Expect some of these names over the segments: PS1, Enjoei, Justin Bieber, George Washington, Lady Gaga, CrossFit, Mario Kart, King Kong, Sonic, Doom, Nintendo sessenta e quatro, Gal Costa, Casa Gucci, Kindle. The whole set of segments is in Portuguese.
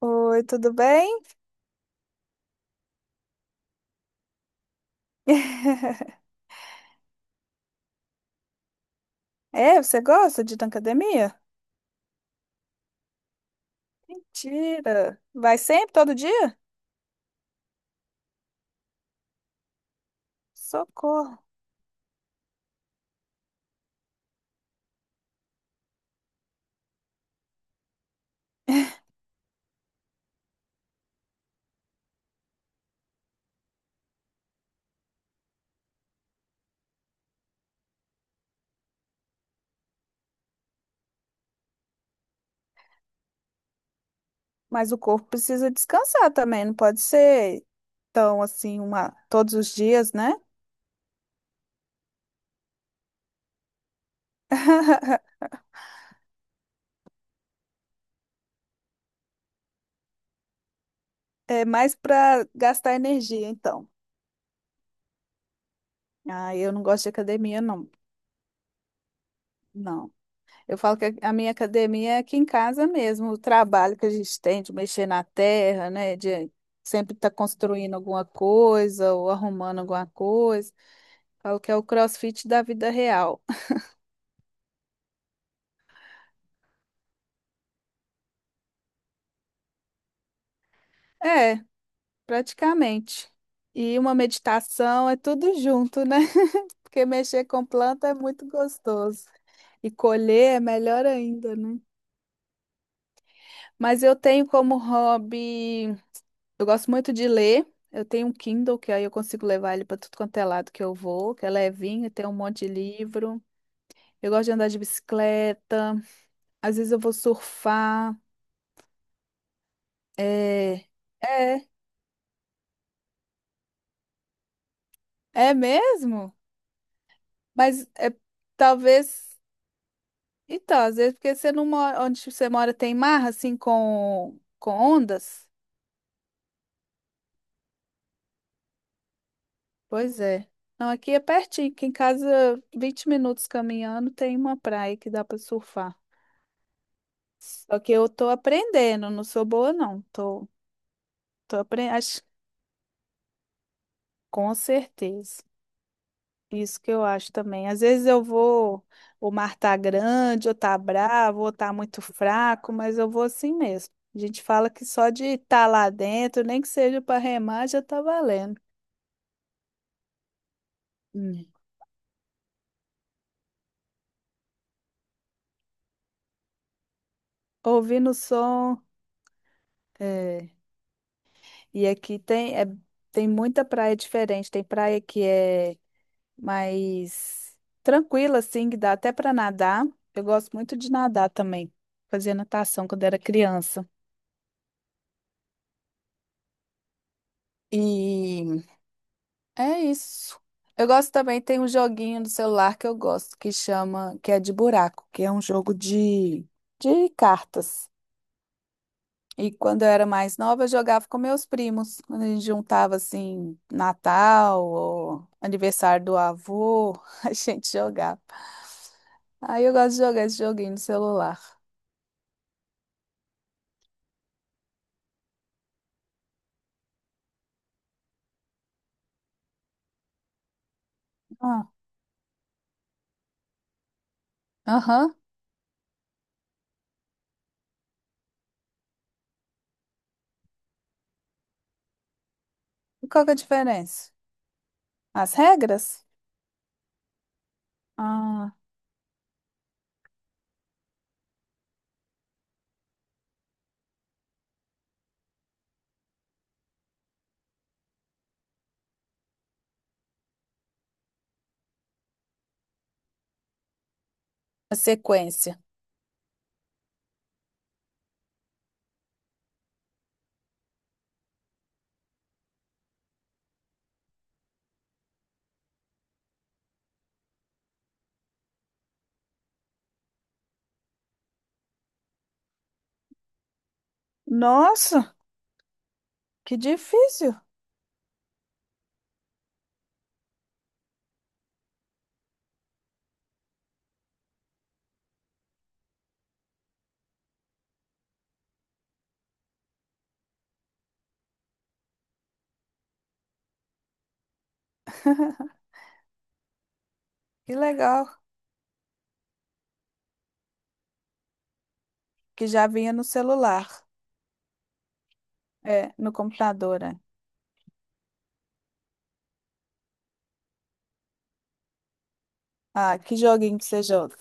Oi, tudo bem? É, você gosta de ir na academia? Mentira! Vai sempre, todo dia? Socorro! Mas o corpo precisa descansar também, não pode ser tão assim, uma, todos os dias, né? É mais para gastar energia, então. Ah, eu não gosto de academia, não. Não. Eu falo que a minha academia é aqui em casa mesmo, o trabalho que a gente tem de mexer na terra, né? De sempre estar construindo alguma coisa ou arrumando alguma coisa. Falo que é o CrossFit da vida real. É, praticamente. E uma meditação é tudo junto, né? Porque mexer com planta é muito gostoso. E colher é melhor ainda, né? Mas eu tenho como hobby. Eu gosto muito de ler. Eu tenho um Kindle, que aí eu consigo levar ele para tudo quanto é lado que eu vou, que é levinho, tem um monte de livro. Eu gosto de andar de bicicleta. Às vezes eu vou surfar. É, é, É mesmo? Mas é, talvez. Então, às vezes, porque você não mora, onde você mora tem mar, assim, com ondas? Pois é. Não, aqui é pertinho, aqui em casa, 20 minutos caminhando, tem uma praia que dá para surfar. Só que eu tô aprendendo, não sou boa, não. Tô aprendendo, acho, com certeza. Isso que eu acho também. Às vezes eu vou, o mar tá grande, ou tá bravo, ou tá muito fraco, mas eu vou assim mesmo. A gente fala que só de estar lá dentro, nem que seja para remar, já tá valendo. Hum. Ouvindo o som. é, E aqui tem, tem muita praia diferente. Tem praia que é mas tranquila, assim, que dá até para nadar. Eu gosto muito de nadar também. Fazia natação quando era criança. E é isso. Eu gosto também, tem um joguinho no celular que eu gosto, que chama, que é de buraco, que é um jogo de cartas. E quando eu era mais nova, eu jogava com meus primos. Quando a gente juntava assim, Natal ou aniversário do avô, a gente jogava. Aí eu gosto de jogar esse joguinho no celular. Ah, aham. E qual que é a diferença? As regras? Ah, a sequência. Nossa, que difícil. Que legal. Que já vinha no celular. É, no computador, é. Ah, que joguinho que você joga.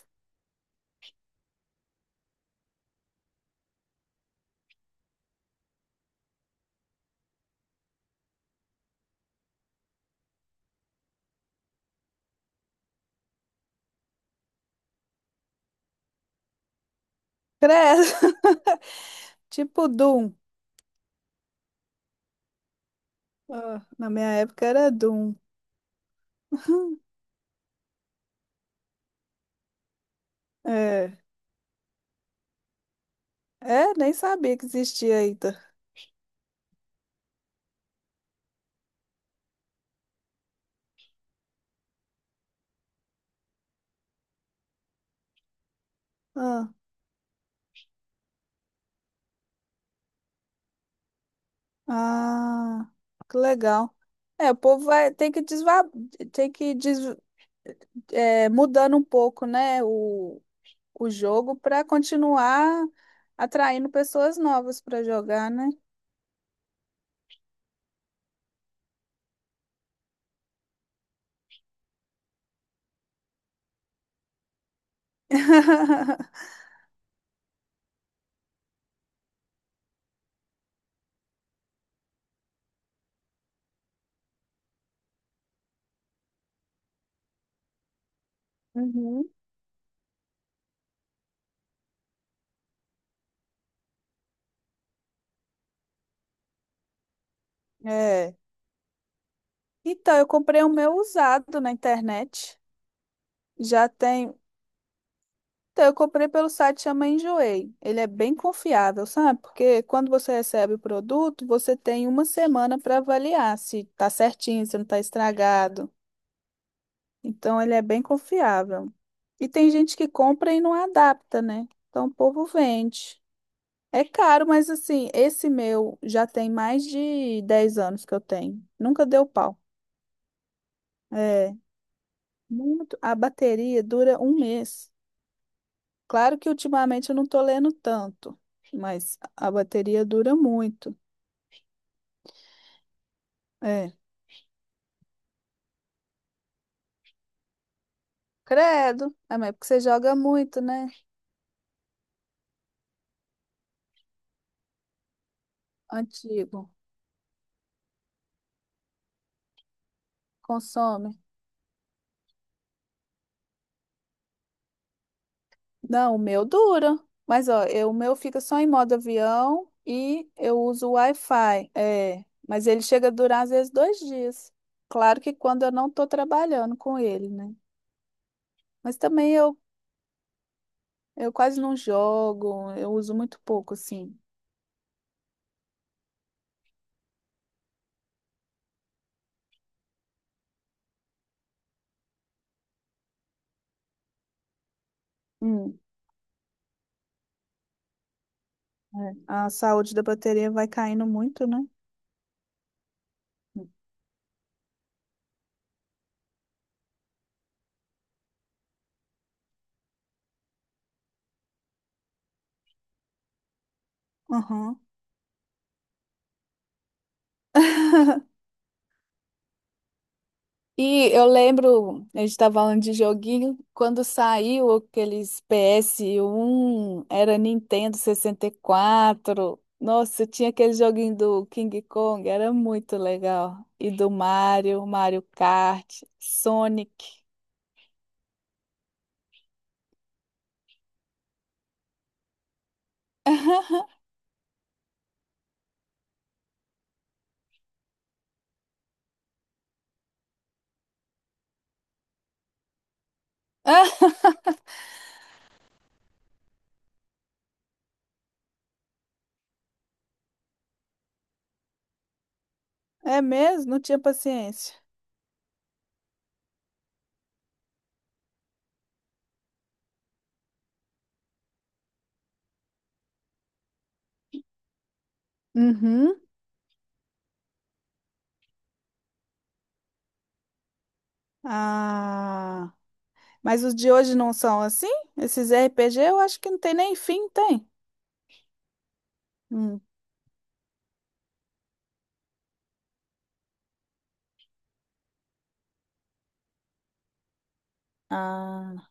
Credo. Tipo Doom. Ah, na minha época era Doom. É, É, nem sabia que existia ainda. Ah, ah, que legal. É, o povo vai, tem que desva, tem que des, é, mudando um pouco, né? O jogo para continuar atraindo pessoas novas para jogar, né? Uhum. É. Então, eu comprei o meu usado na internet. Já tem. Então, eu comprei pelo site chama Enjoei. Ele é bem confiável, sabe? Porque quando você recebe o produto, você tem uma semana para avaliar se tá certinho, se não tá estragado. Então, ele é bem confiável. E tem gente que compra e não adapta, né? Então, o povo vende. É caro, mas assim, esse meu já tem mais de 10 anos que eu tenho. Nunca deu pau. É, muito. A bateria dura um mês. Claro que ultimamente eu não tô lendo tanto, mas a bateria dura muito. É. Credo. É, mas é porque você joga muito, né? Antigo. Consome. Não, o meu dura. Mas ó, eu- o meu fica só em modo avião e eu uso o Wi-Fi. É, mas ele chega a durar às vezes dois dias. Claro que quando eu não estou trabalhando com ele, né? Mas também eu quase não jogo, eu uso muito pouco, assim. Hum, é. A saúde da bateria vai caindo muito, né? Aham. E eu lembro, a gente estava falando de joguinho, quando saiu aqueles PS1, era Nintendo 64. Nossa, tinha aquele joguinho do King Kong, era muito legal. E do Mario, Mario Kart, Sonic. É mesmo? Não tinha paciência. Uhum. Ah, mas os de hoje não são assim? Esses RPG eu acho que não tem nem fim, tem? Hum. Ah.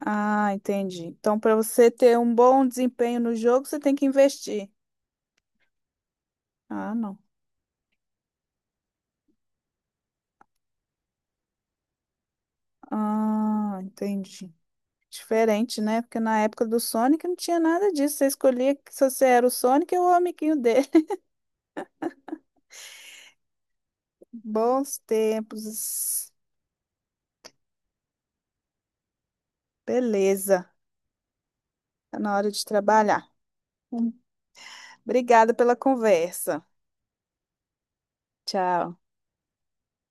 Ah, entendi. Então, para você ter um bom desempenho no jogo, você tem que investir. Ah, não. Ah, entendi. Diferente, né? Porque na época do Sonic não tinha nada disso. Você escolhia que se você era o Sonic ou o amiguinho dele. Bons tempos. Beleza. Tá na hora de trabalhar. Obrigada pela conversa. Tchau.